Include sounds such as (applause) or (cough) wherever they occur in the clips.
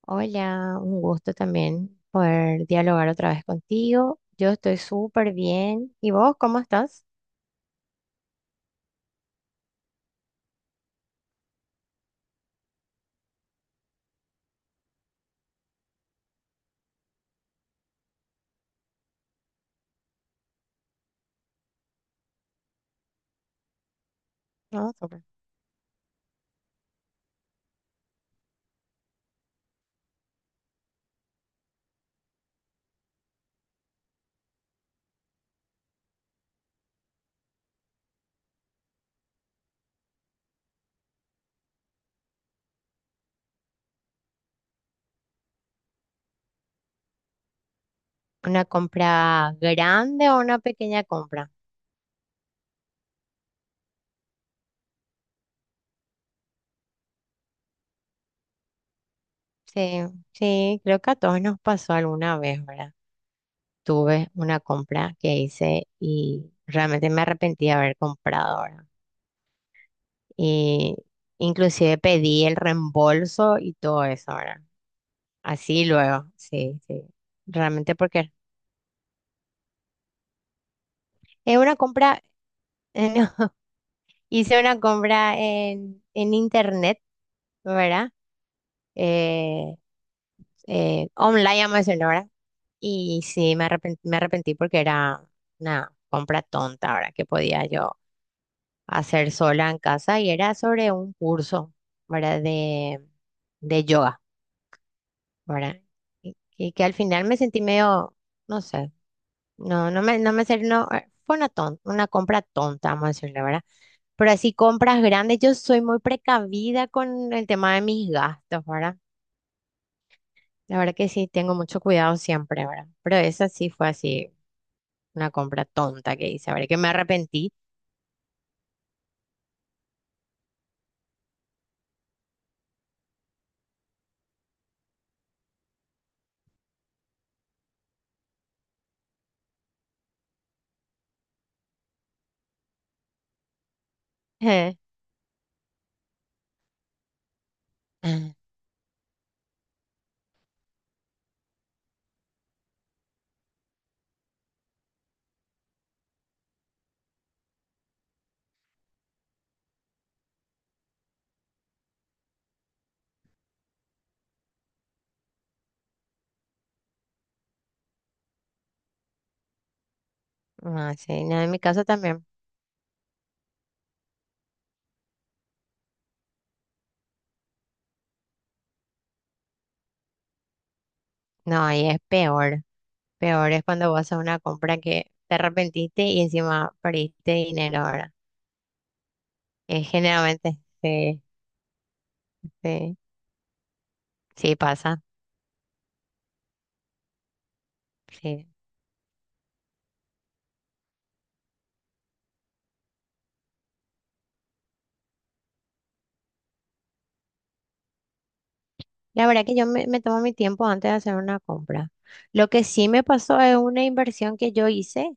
Hola, un gusto también poder dialogar otra vez contigo. Yo estoy súper bien. ¿Y vos cómo estás? No, súper. ¿Una compra grande o una pequeña compra? Sí, sí, creo que a todos nos pasó alguna vez, ¿verdad? Tuve una compra que hice y realmente me arrepentí de haber comprado, ¿verdad? Y inclusive pedí el reembolso y todo eso, ¿verdad? Así luego, sí. Realmente porque es una compra... (laughs) Hice una compra en, internet, ¿verdad? Eh, online, vamos a decirlo, ¿verdad? Y sí, me arrepentí porque era una compra tonta, ¿verdad? Que podía yo hacer sola en casa y era sobre un curso, ¿verdad? De yoga, ¿verdad? Y, que al final me sentí medio, no sé. No me salió, no, fue una compra tonta, vamos a decirle, ¿verdad? Pero así compras grandes, yo soy muy precavida con el tema de mis gastos, ¿verdad? La verdad que sí, tengo mucho cuidado siempre, ¿verdad? Pero esa sí fue así, una compra tonta que hice, ¿verdad? Que me arrepentí. (laughs) Ah, no, sí, no, en mi caso también. No, ahí es peor. Peor es cuando vas a una compra que te arrepentiste y encima perdiste dinero, ahora. Generalmente, sí, sí pasa, sí. La verdad que me tomo mi tiempo antes de hacer una compra. Lo que sí me pasó es una inversión que yo hice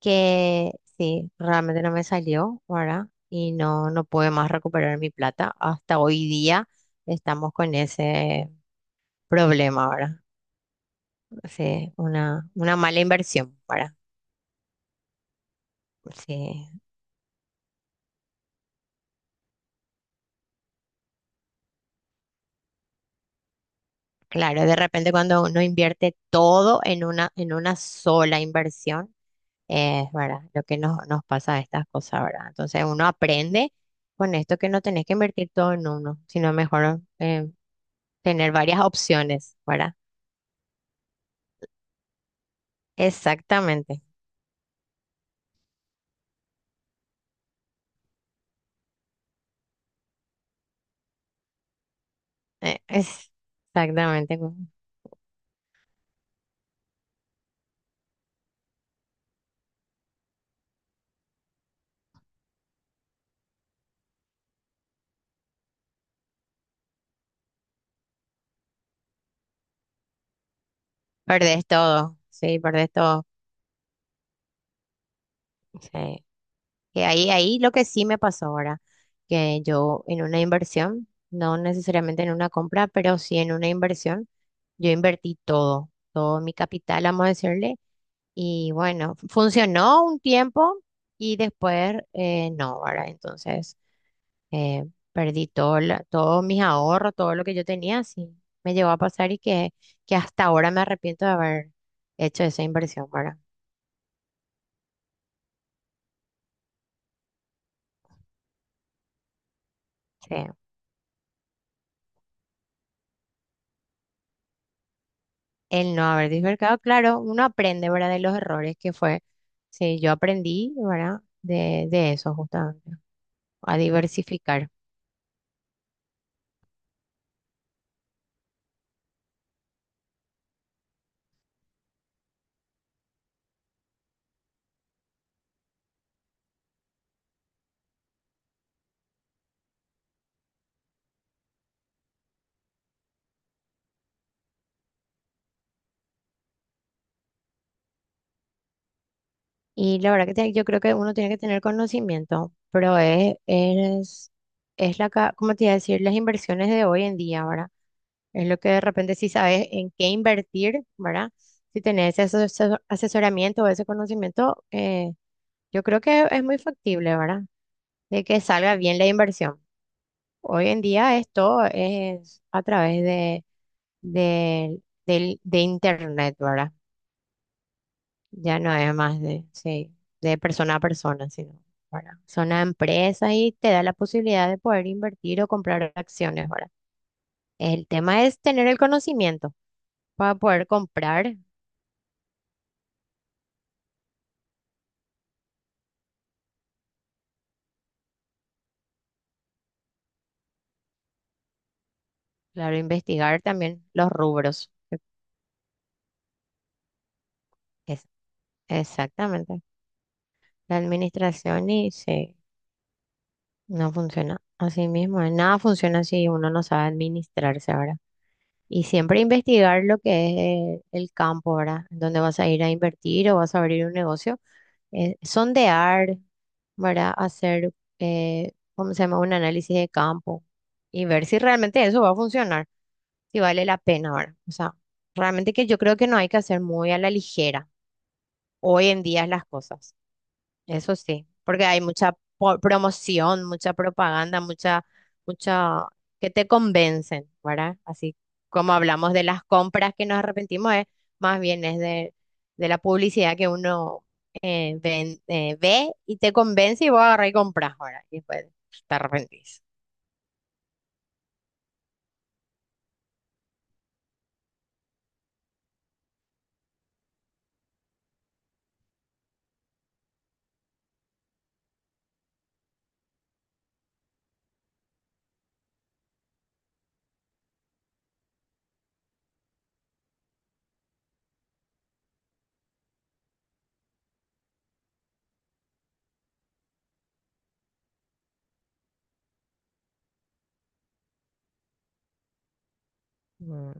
que sí, realmente no me salió, ¿verdad? Y no, no pude más recuperar mi plata. Hasta hoy día estamos con ese problema, ¿verdad? Sí, una mala inversión, ¿verdad? Sí, claro, de repente cuando uno invierte todo en una sola inversión. Es verdad, lo que nos pasa a estas cosas, ¿verdad? Entonces uno aprende con esto que no tenés que invertir todo en uno, sino mejor tener varias opciones, ¿verdad? Exactamente, eh, es- exactamente. Perdés todo, sí, perdés todo. Sí. Que ahí lo que sí me pasó ahora, que yo en una inversión, no necesariamente en una compra, pero sí en una inversión, yo invertí todo, todo mi capital, vamos a decirle. Y bueno, funcionó un tiempo y después no, ¿verdad? Entonces eh, perdí todos mis ahorros, todo lo que yo tenía, sí, me llegó a pasar y que hasta ahora me arrepiento de haber hecho esa inversión, ¿verdad? Sí. El no haber diversificado, claro, uno aprende, ¿verdad? De los errores que fue. Sí, yo aprendí, ¿verdad? De eso justamente, a diversificar. Y la verdad que yo creo que uno tiene que tener conocimiento, pero es como te iba a decir, las inversiones de hoy en día, ¿verdad? Es lo que de repente si sabes en qué invertir, ¿verdad? Si tenés ese asesoramiento o ese conocimiento, yo creo que es muy factible, ¿verdad? De que salga bien la inversión. Hoy en día esto es a través de, de internet, ¿verdad? Ya no es más de, sí, de persona a persona, sino, ¿verdad? Son a empresas y te da la posibilidad de poder invertir o comprar acciones, ¿verdad? El tema es tener el conocimiento para poder comprar, claro, investigar también los rubros. Es, exactamente. La administración y sí, no funciona así mismo. Nada funciona si uno no sabe administrarse, ahora. Y siempre investigar lo que es el campo, ¿verdad? Donde vas a ir a invertir o vas a abrir un negocio, sondear, ¿verdad? Hacer, ¿cómo se llama? Un análisis de campo y ver si realmente eso va a funcionar, si vale la pena, ¿verdad? O sea, realmente que yo creo que no hay que hacer muy a la ligera hoy en día las cosas. Eso sí, porque hay mucha promoción, mucha propaganda, mucha que te convencen, ¿verdad? Así como hablamos de las compras que nos arrepentimos, es, más bien es de la publicidad que uno ve y te convence y vos agarrás y compras, ¿verdad? Y después te arrepentís. Mm.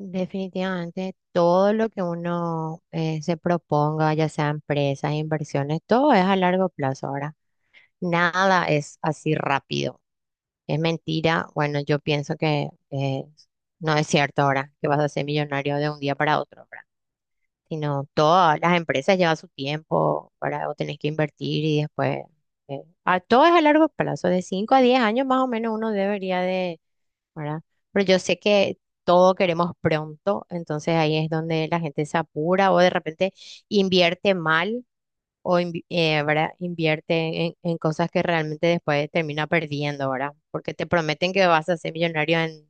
Definitivamente, todo lo que uno se proponga, ya sea empresas, inversiones, todo es a largo plazo ahora. Nada es así rápido. Es mentira. Bueno, yo pienso que no es cierto ahora que vas a ser millonario de un día para otro, ¿verdad? Sino todas las empresas llevan su tiempo, para. O tenés que invertir y después... todo es a largo plazo, de 5 a 10 años más o menos uno debería de, ¿verdad? Pero yo sé que todo queremos pronto, entonces ahí es donde la gente se apura o de repente invierte mal o ¿verdad? Invierte en, cosas que realmente después termina perdiendo, ¿verdad? Porque te prometen que vas a ser millonario en,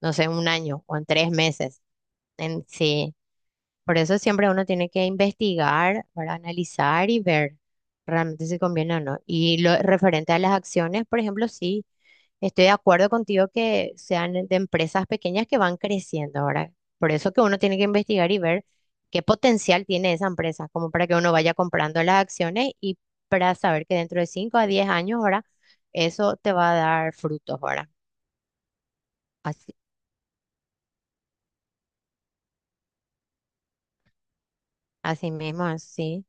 no sé, un año o en 3 meses. Sí, por eso siempre uno tiene que investigar, ¿verdad? Analizar y ver realmente si conviene o no. Y lo referente a las acciones, por ejemplo, sí. Estoy de acuerdo contigo que sean de empresas pequeñas que van creciendo ahora. Por eso que uno tiene que investigar y ver qué potencial tiene esa empresa, como para que uno vaya comprando las acciones y para saber que dentro de 5 a 10 años ahora eso te va a dar frutos ahora. Así, así mismo, así.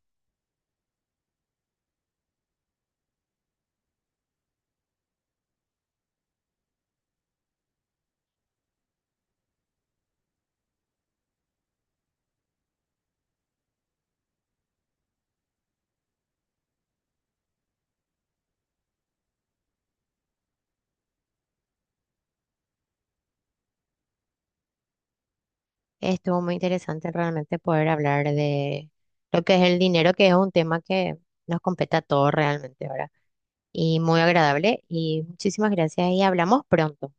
Estuvo muy interesante realmente poder hablar de lo que es el dinero, que es un tema que nos compete a todos realmente ahora. Y muy agradable y muchísimas gracias y hablamos pronto.